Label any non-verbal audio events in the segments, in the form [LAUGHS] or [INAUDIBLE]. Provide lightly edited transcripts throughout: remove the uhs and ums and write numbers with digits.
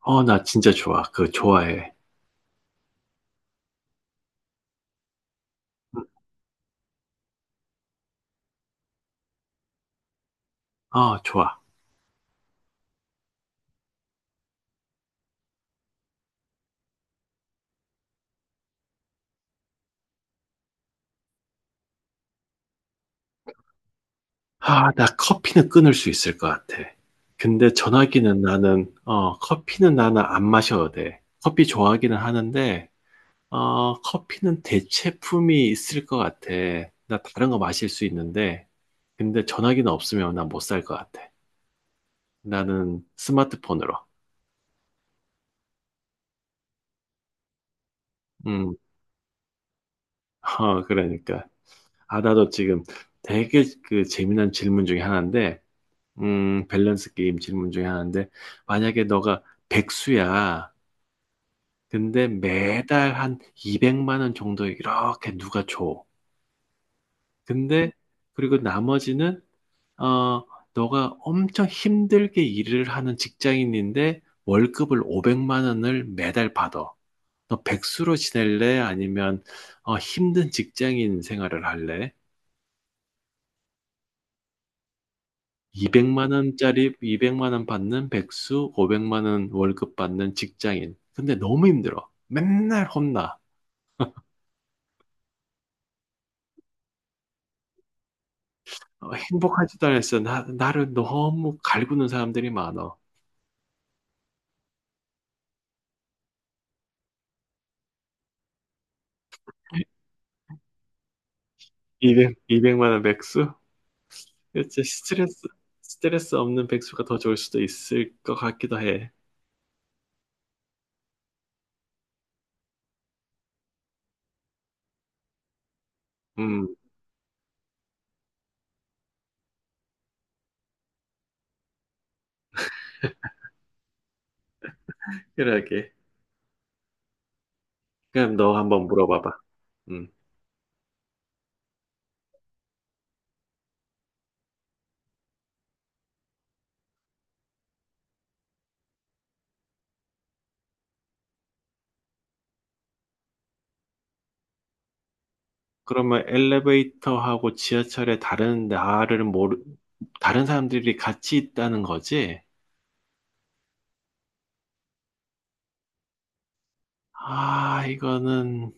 어, 나 진짜 좋아. 그거 좋아해. 음, 어 좋아. 아, 나 커피는 끊을 수 있을 것 같아. 근데 전화기는 커피는 나는 안 마셔도 돼. 커피 좋아하기는 하는데, 커피는 대체품이 있을 것 같아. 나 다른 거 마실 수 있는데, 근데 전화기는 없으면 난 못 살 것 같아. 나는 스마트폰으로. 음, 어, 그러니까. 아, 나도 지금 되게 그 재미난 질문 중에 하나인데, 밸런스 게임 질문 중에 하나인데, 만약에 너가 백수야. 근데 매달 한 200만 원 정도 이렇게 누가 줘. 근데, 그리고 나머지는, 어, 너가 엄청 힘들게 일을 하는 직장인인데, 월급을 500만 원을 매달 받아. 너 백수로 지낼래? 아니면, 힘든 직장인 생활을 할래? 200만 원 받는 백수, 500만 원 월급 받는 직장인. 근데 너무 힘들어. 맨날 혼나. 행복하지도 않았어. 나를 너무 갈구는 사람들이 많아. 200만 원 백수? 진짜 스트레스 없는 백수가 더 좋을 수도 있을 것 같기도 해. 음, 그러게. 그럼 너 한번 물어봐봐. 음. 그러면 엘리베이터하고 지하철에 다른 사람들이 같이 있다는 거지? 아, 이거는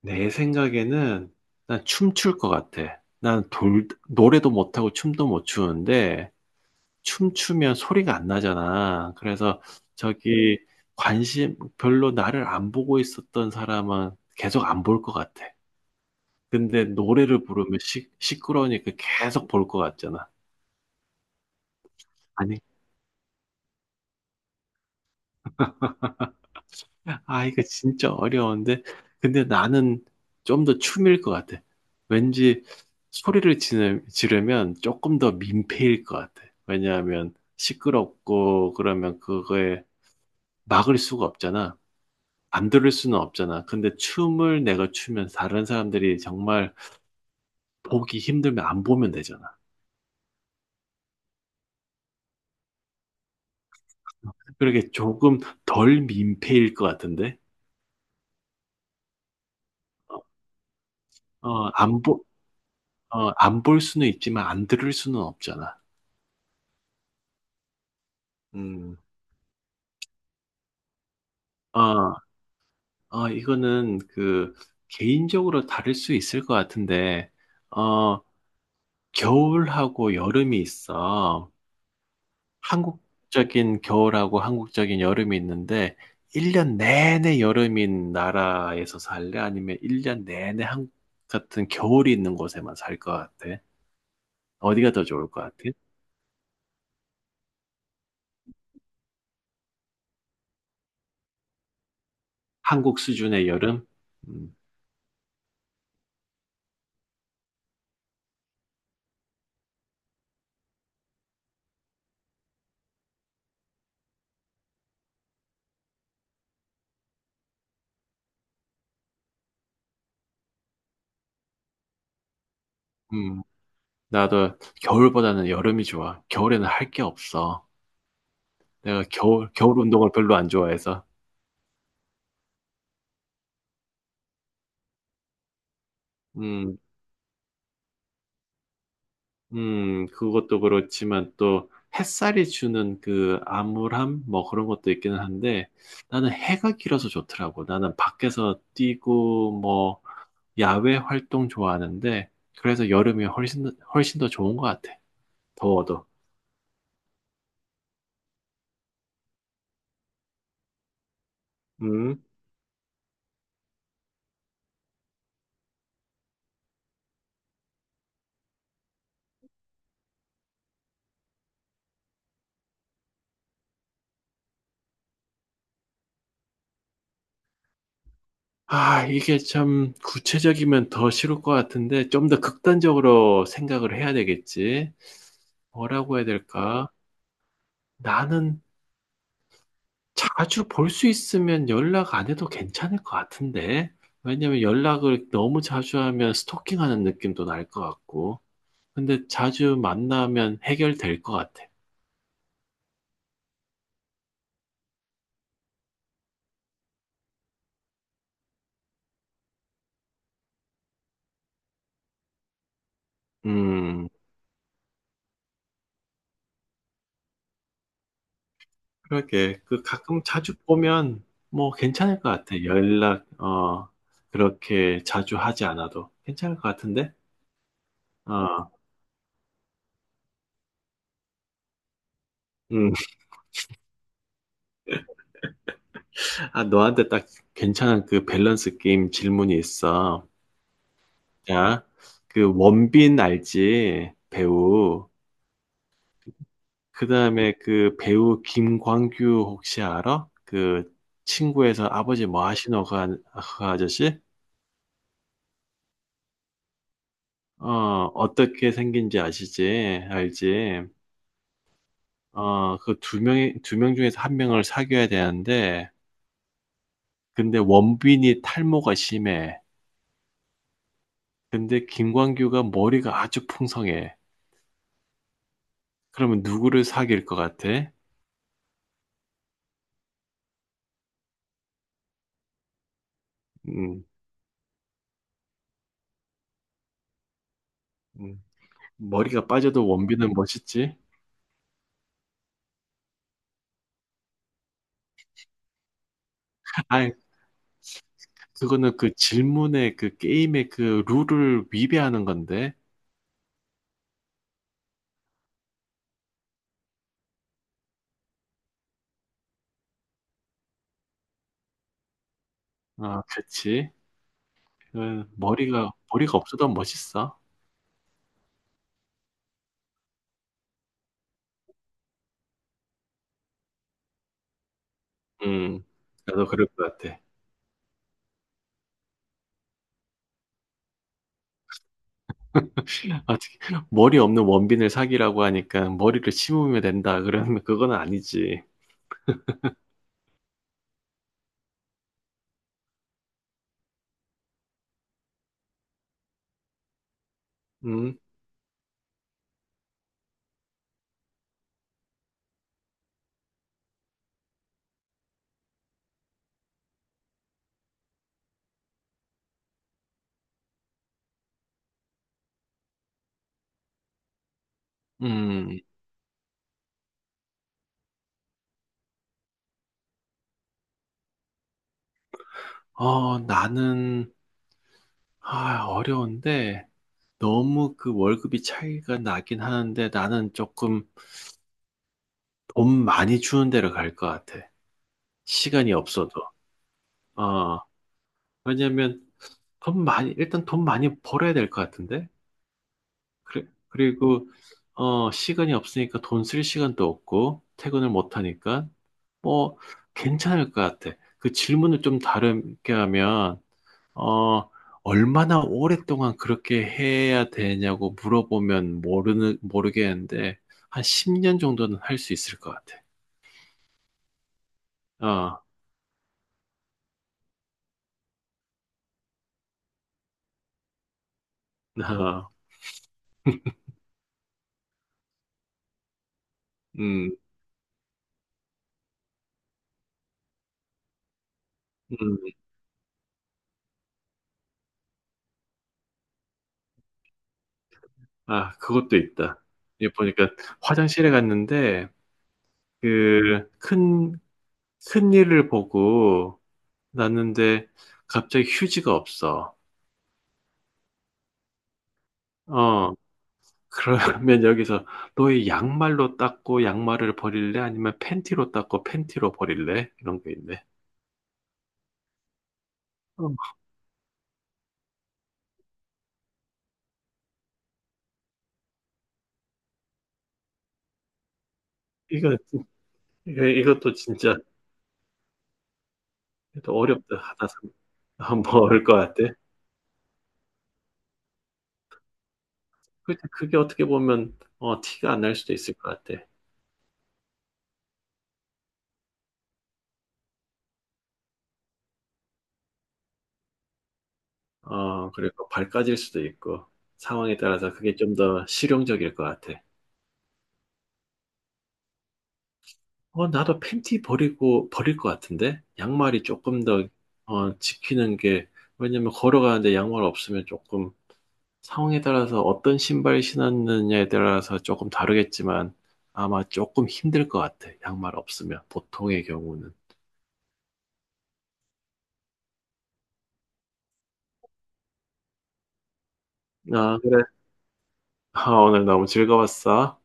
내 생각에는 난 춤출 것 같아. 난 노래도 못하고 춤도 못 추는데 춤추면 소리가 안 나잖아. 그래서 저기 관심 별로 나를 안 보고 있었던 사람은 계속 안 볼 것 같아. 근데 노래를 부르면 시끄러우니까 계속 볼 것 같잖아. 아니, 아, 이거 진짜 어려운데. 근데 나는 좀 더 춤일 것 같아. 왠지 소리를 지르면 조금 더 민폐일 것 같아. 왜냐하면 시끄럽고 그러면 그거에 막을 수가 없잖아. 안 들을 수는 없잖아. 근데 춤을 내가 추면 다른 사람들이 정말 보기 힘들면 안 보면 되잖아. 그렇게 조금 덜 민폐일 것 같은데? 어, 안 보, 어, 안 볼 수는 있지만 안 들을 수는 없잖아. 음, 어, 아, 이거는 그 개인적으로 다를 수 있을 것 같은데, 어, 겨울하고 여름이 있어. 한국적인 겨울하고 한국적인 여름이 있는데, 1년 내내 여름인 나라에서 살래? 아니면 1년 내내 한국 같은 겨울이 있는 곳에만 살 것 같아? 어디가 더 좋을 것 같아? 한국 수준의 여름? 음, 음, 나도 겨울보다는 여름이 좋아. 겨울에는 할 게 없어. 내가 겨울 운동을 별로 안 좋아해서. 음, 그것도 그렇지만 또 햇살이 주는 그 암울함 뭐 그런 것도 있기는 한데 나는 해가 길어서 좋더라고. 나는 밖에서 뛰고 뭐 야외 활동 좋아하는데 그래서 여름이 훨씬 더 좋은 것 같아. 더워도. 음. 아, 이게 참 구체적이면 더 싫을 것 같은데 좀 더 극단적으로 생각을 해야 되겠지. 뭐라고 해야 될까? 나는 자주 볼 수 있으면 연락 안 해도 괜찮을 것 같은데. 왜냐면 연락을 너무 자주 하면 스토킹하는 느낌도 날 것 같고. 근데 자주 만나면 해결될 것 같아. 음, 그러게. 그 가끔 자주 보면 뭐 괜찮을 것 같아. 그렇게 자주 하지 않아도 괜찮을 것 같은데? 어, 음. [LAUGHS] 아, 너한테 딱 괜찮은 그 밸런스 게임 질문이 있어. 자, 그 원빈 알지? 배우. 그다음에 그 배우 김광규 혹시 알아? 그 친구에서 아버지 뭐 하시노 그 아저씨? 어, 어떻게 생긴지 아시지? 알지? 어, 그 두 명 중에서 한 명을 사귀어야 되는데 근데 원빈이 탈모가 심해. 근데 김광규가 머리가 아주 풍성해. 그러면 누구를 사귈 것 같아? 음, 음. 머리가 빠져도 원빈은 멋있지? 아, 그거는 그 질문의 그 게임의 그 룰을 위배하는 건데. 아, 그치. 그 머리가 없어도 멋있어. 음, 나도 그럴 것 같아. 아, 특히 머리 없는 원빈을 사귀라고 하니까 머리를 심으면 된다. 그러면 그건 [LAUGHS] 아니지. 음, 음. 어, 나는, 어려운데, 너무 그 월급이 차이가 나긴 하는데, 나는 조금 돈 많이 주는 데로 갈 것 같아. 시간이 없어도. 어, 왜냐면 돈 많이 일단 돈 많이 벌어야 될 것 같은데. 그래, 그리고 시간이 없으니까 돈 쓸 시간도 없고 퇴근을 못 하니까 뭐 괜찮을 것 같아. 그 질문을 좀 다르게 하면 어 얼마나 오랫동안 그렇게 해야 되냐고 물어보면 모르는 모르겠는데 한 10년 정도는 할 수 있을 것 같아. 어, 어, 음, 음, 아, 그것도 있다. 이 보니까 화장실에 갔는데 그, 큰, 큰 일을 보고 났는데 갑자기 휴지가 없어. 어, 그러면 [LAUGHS] 여기서 너의 양말로 닦고 양말을 버릴래? 아니면 팬티로 닦고 팬티로 버릴래? 이런 게 있네. 어, 이거, 이것도 진짜 또 어렵다. 하다 뭐것 같아. 그게 어떻게 보면 티가 안 날 수도 있을 것 같아. 어, 그리고 발까질 수도 있고 상황에 따라서 그게 좀 더 실용적일 것 같아. 어, 나도 팬티 버릴 것 같은데? 양말이 조금 더, 지키는 게, 왜냐면 걸어가는데 양말 없으면 조금 상황에 따라서 어떤 신발 신었느냐에 따라서 조금 다르겠지만 아마 조금 힘들 것 같아. 양말 없으면, 보통의 경우는. 아, 그래. 아, 오늘 너무 즐거웠어.